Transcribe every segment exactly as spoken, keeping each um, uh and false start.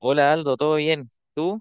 Hola Aldo, ¿todo bien? ¿Tú?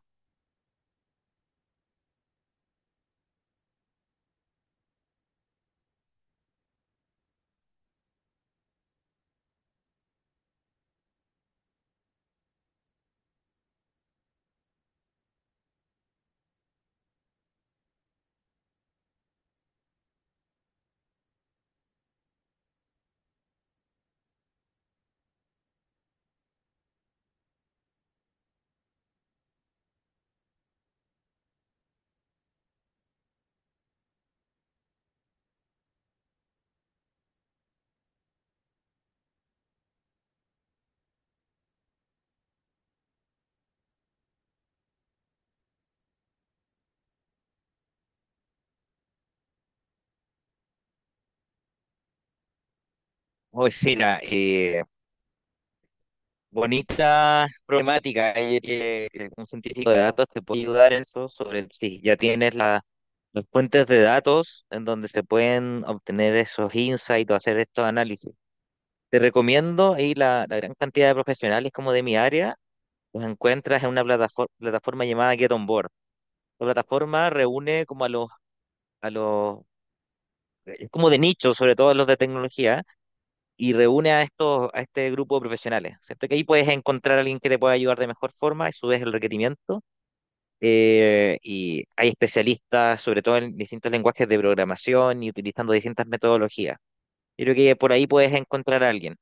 Pues sí, mira, eh, bonita problemática. Ayer que que un científico de datos te puede ayudar en eso, sobre si ya tienes la, las fuentes de datos en donde se pueden obtener esos insights o hacer estos análisis. Te recomiendo, ahí la, la gran cantidad de profesionales como de mi área, los encuentras en una plataforma, plataforma llamada Get On Board. La plataforma reúne como a los, a los, es como de nicho, sobre todo los de tecnología, y reúne a estos, a este grupo de profesionales. Siento que ahí puedes encontrar a alguien que te pueda ayudar de mejor forma, y subes el requerimiento. eh, y hay especialistas, sobre todo en distintos lenguajes de programación y utilizando distintas metodologías. Yo creo que por ahí puedes encontrar a alguien.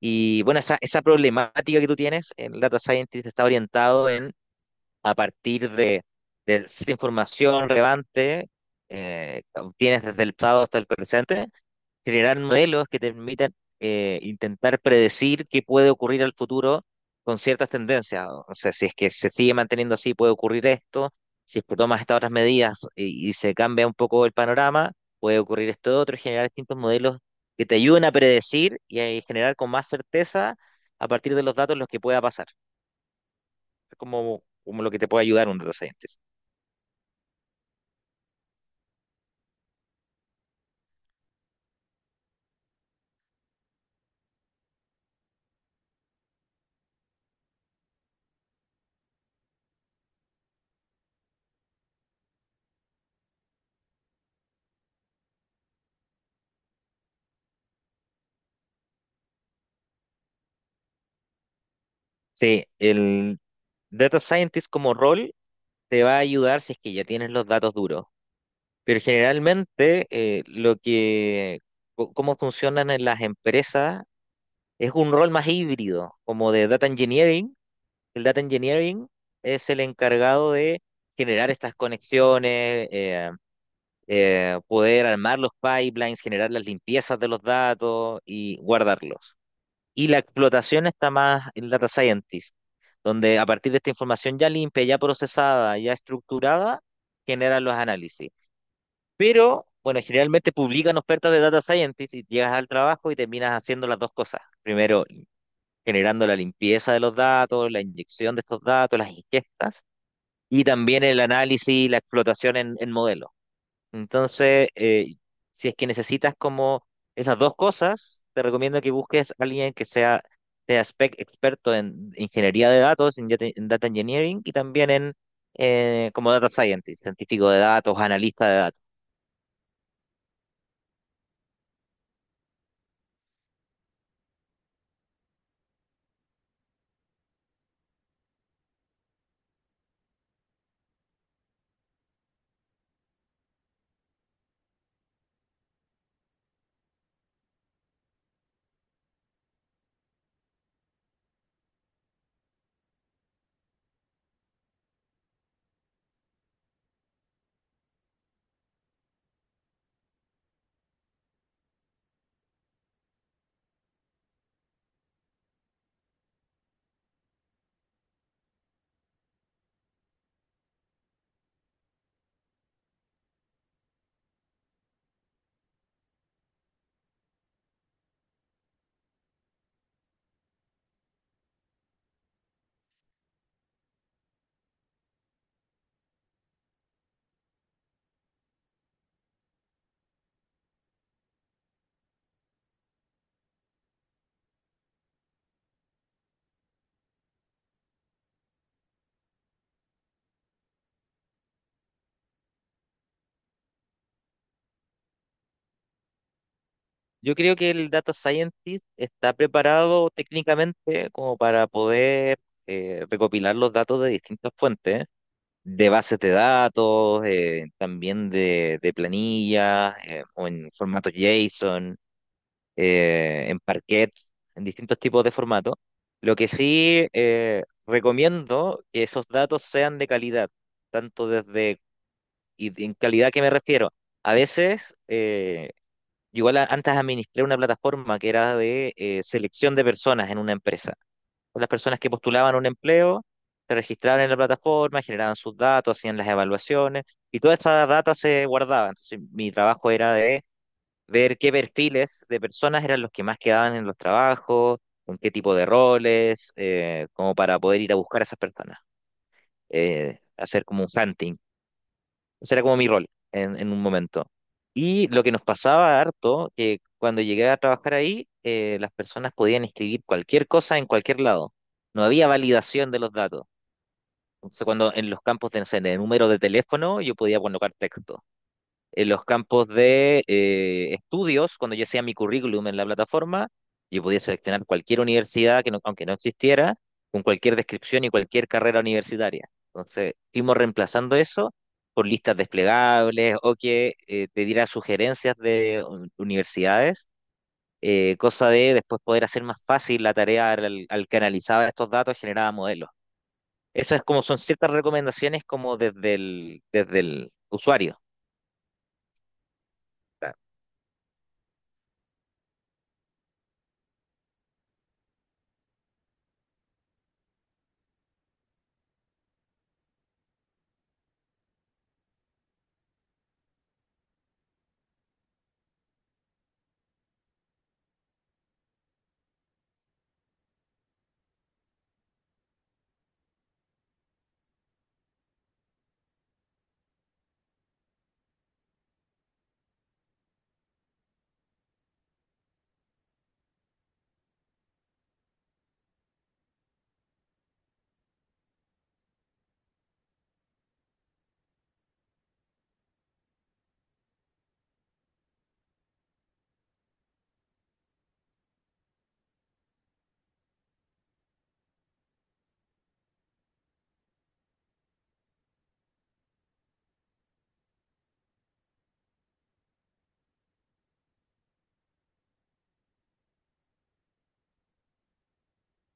Y bueno, esa, esa problemática que tú tienes, el data scientist está orientado en, a partir de, de esa información relevante, eh, que obtienes desde el pasado hasta el presente, generar modelos que te permitan eh, intentar predecir qué puede ocurrir al futuro con ciertas tendencias. O sea, si es que se sigue manteniendo así, puede ocurrir esto. Si es que tomas estas otras medidas y, y se cambia un poco el panorama, puede ocurrir esto otro, y generar distintos modelos que te ayuden a predecir y a generar con más certeza a partir de los datos los que pueda pasar. Es como, como lo que te puede ayudar un data scientist. Sí, el data scientist como rol te va a ayudar si es que ya tienes los datos duros. Pero generalmente eh, lo que, co- cómo funcionan en las empresas es un rol más híbrido, como de data engineering. El data engineering es el encargado de generar estas conexiones, eh, eh, poder armar los pipelines, generar las limpiezas de los datos y guardarlos. Y la explotación está más el data scientist, donde a partir de esta información ya limpia, ya procesada, ya estructurada, genera los análisis. Pero, bueno, generalmente publican ofertas de data scientist y llegas al trabajo y terminas haciendo las dos cosas. Primero, generando la limpieza de los datos, la inyección de estos datos, las ingestas, y también el análisis y la explotación en, en modelos. Entonces, eh, si es que necesitas como esas dos cosas, te recomiendo que busques a alguien que sea, sea spec experto en ingeniería de datos, en data, en data engineering y también en eh, como data scientist, científico de datos, analista de datos. Yo creo que el data scientist está preparado técnicamente como para poder eh, recopilar los datos de distintas fuentes, de bases de datos, eh, también de, de planillas, eh, o en formato JSON, eh, en Parquet, en distintos tipos de formatos. Lo que sí eh, recomiendo que esos datos sean de calidad, tanto desde, y en calidad que me refiero. A veces... eh, Igual a- antes administré una plataforma que era de eh, selección de personas en una empresa. Pues las personas que postulaban un empleo se registraban en la plataforma, generaban sus datos, hacían las evaluaciones y toda esa data se guardaba. Entonces, mi trabajo era de ver qué perfiles de personas eran los que más quedaban en los trabajos, con qué tipo de roles, eh, como para poder ir a buscar a esas personas. Eh, hacer como un hunting, ese era como mi rol en, en un momento. Y lo que nos pasaba harto, que cuando llegué a trabajar ahí, eh, las personas podían escribir cualquier cosa en cualquier lado. No había validación de los datos. Entonces, cuando en los campos de, no sé, de número de teléfono, yo podía colocar texto en los campos de eh, estudios, cuando yo hacía mi currículum en la plataforma, yo podía seleccionar cualquier universidad, que no- aunque no existiera, con cualquier descripción y cualquier carrera universitaria. Entonces, fuimos reemplazando eso por listas desplegables o que eh, te diera sugerencias de un- universidades, eh, cosa de después poder hacer más fácil la tarea al, al canalizar estos datos, generaba modelos. Eso es como son ciertas recomendaciones como desde el, desde el usuario.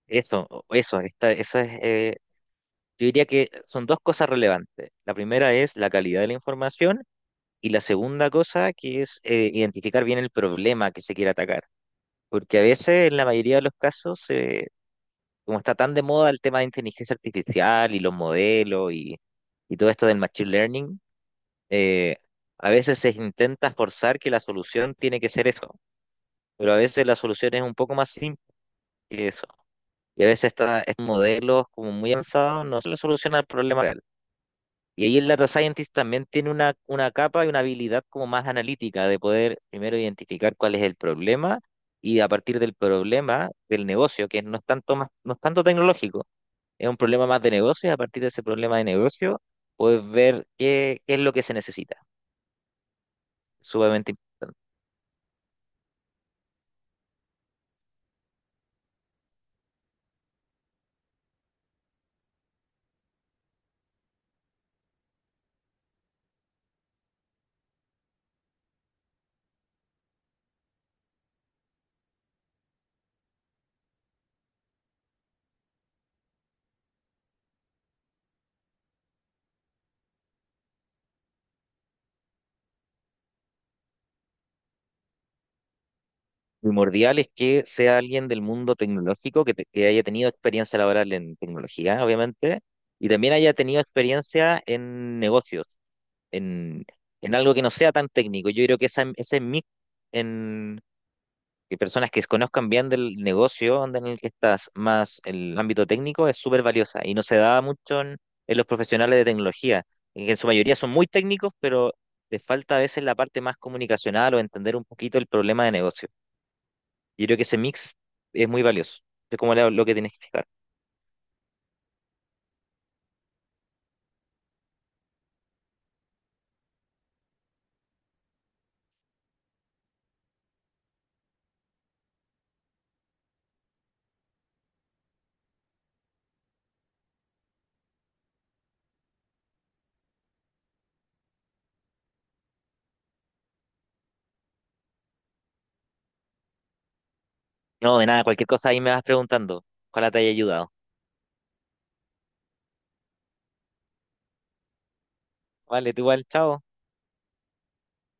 Eso, o- eso, esta- eso es, eh, yo diría que son dos cosas relevantes. La primera es la calidad de la información y la segunda cosa que es eh, identificar bien el problema que se quiere atacar. Porque a veces, en la mayoría de los casos, eh, como está tan de moda el tema de inteligencia artificial y los modelos y, y todo esto del machine learning, eh, a veces se intenta forzar que la solución tiene que ser eso, pero a veces la solución es un poco más simple que eso. Y a veces esta- estos modelos como muy avanzados no solo solucionan el problema real. Y ahí el data scientist también tiene una, una capa y una habilidad como más analítica de poder primero identificar cuál es el problema y a partir del problema del negocio, que no es tanto más, no es tanto tecnológico, es un problema más de negocio y a partir de ese problema de negocio puedes ver qué, qué es lo que se necesita. Sumamente importante. Primordial es que sea alguien del mundo tecnológico que, te- que haya tenido experiencia laboral en tecnología, obviamente, y también haya tenido experiencia en negocios, en, en algo que no sea tan técnico. Yo creo que esa, ese mix en que personas que conozcan bien del negocio onda, en el que estás, más el ámbito técnico, es súper valiosa y no se da mucho en, en los profesionales de tecnología, en que en su mayoría son muy técnicos, pero les falta a veces la parte más comunicacional o entender un poquito el problema de negocio. Yo creo que ese mix es muy valioso. Es como lo, lo que tienes que explicar. No, de nada, cualquier cosa ahí me vas preguntando. Ojalá te haya ayudado. Vale, tú igual, chao.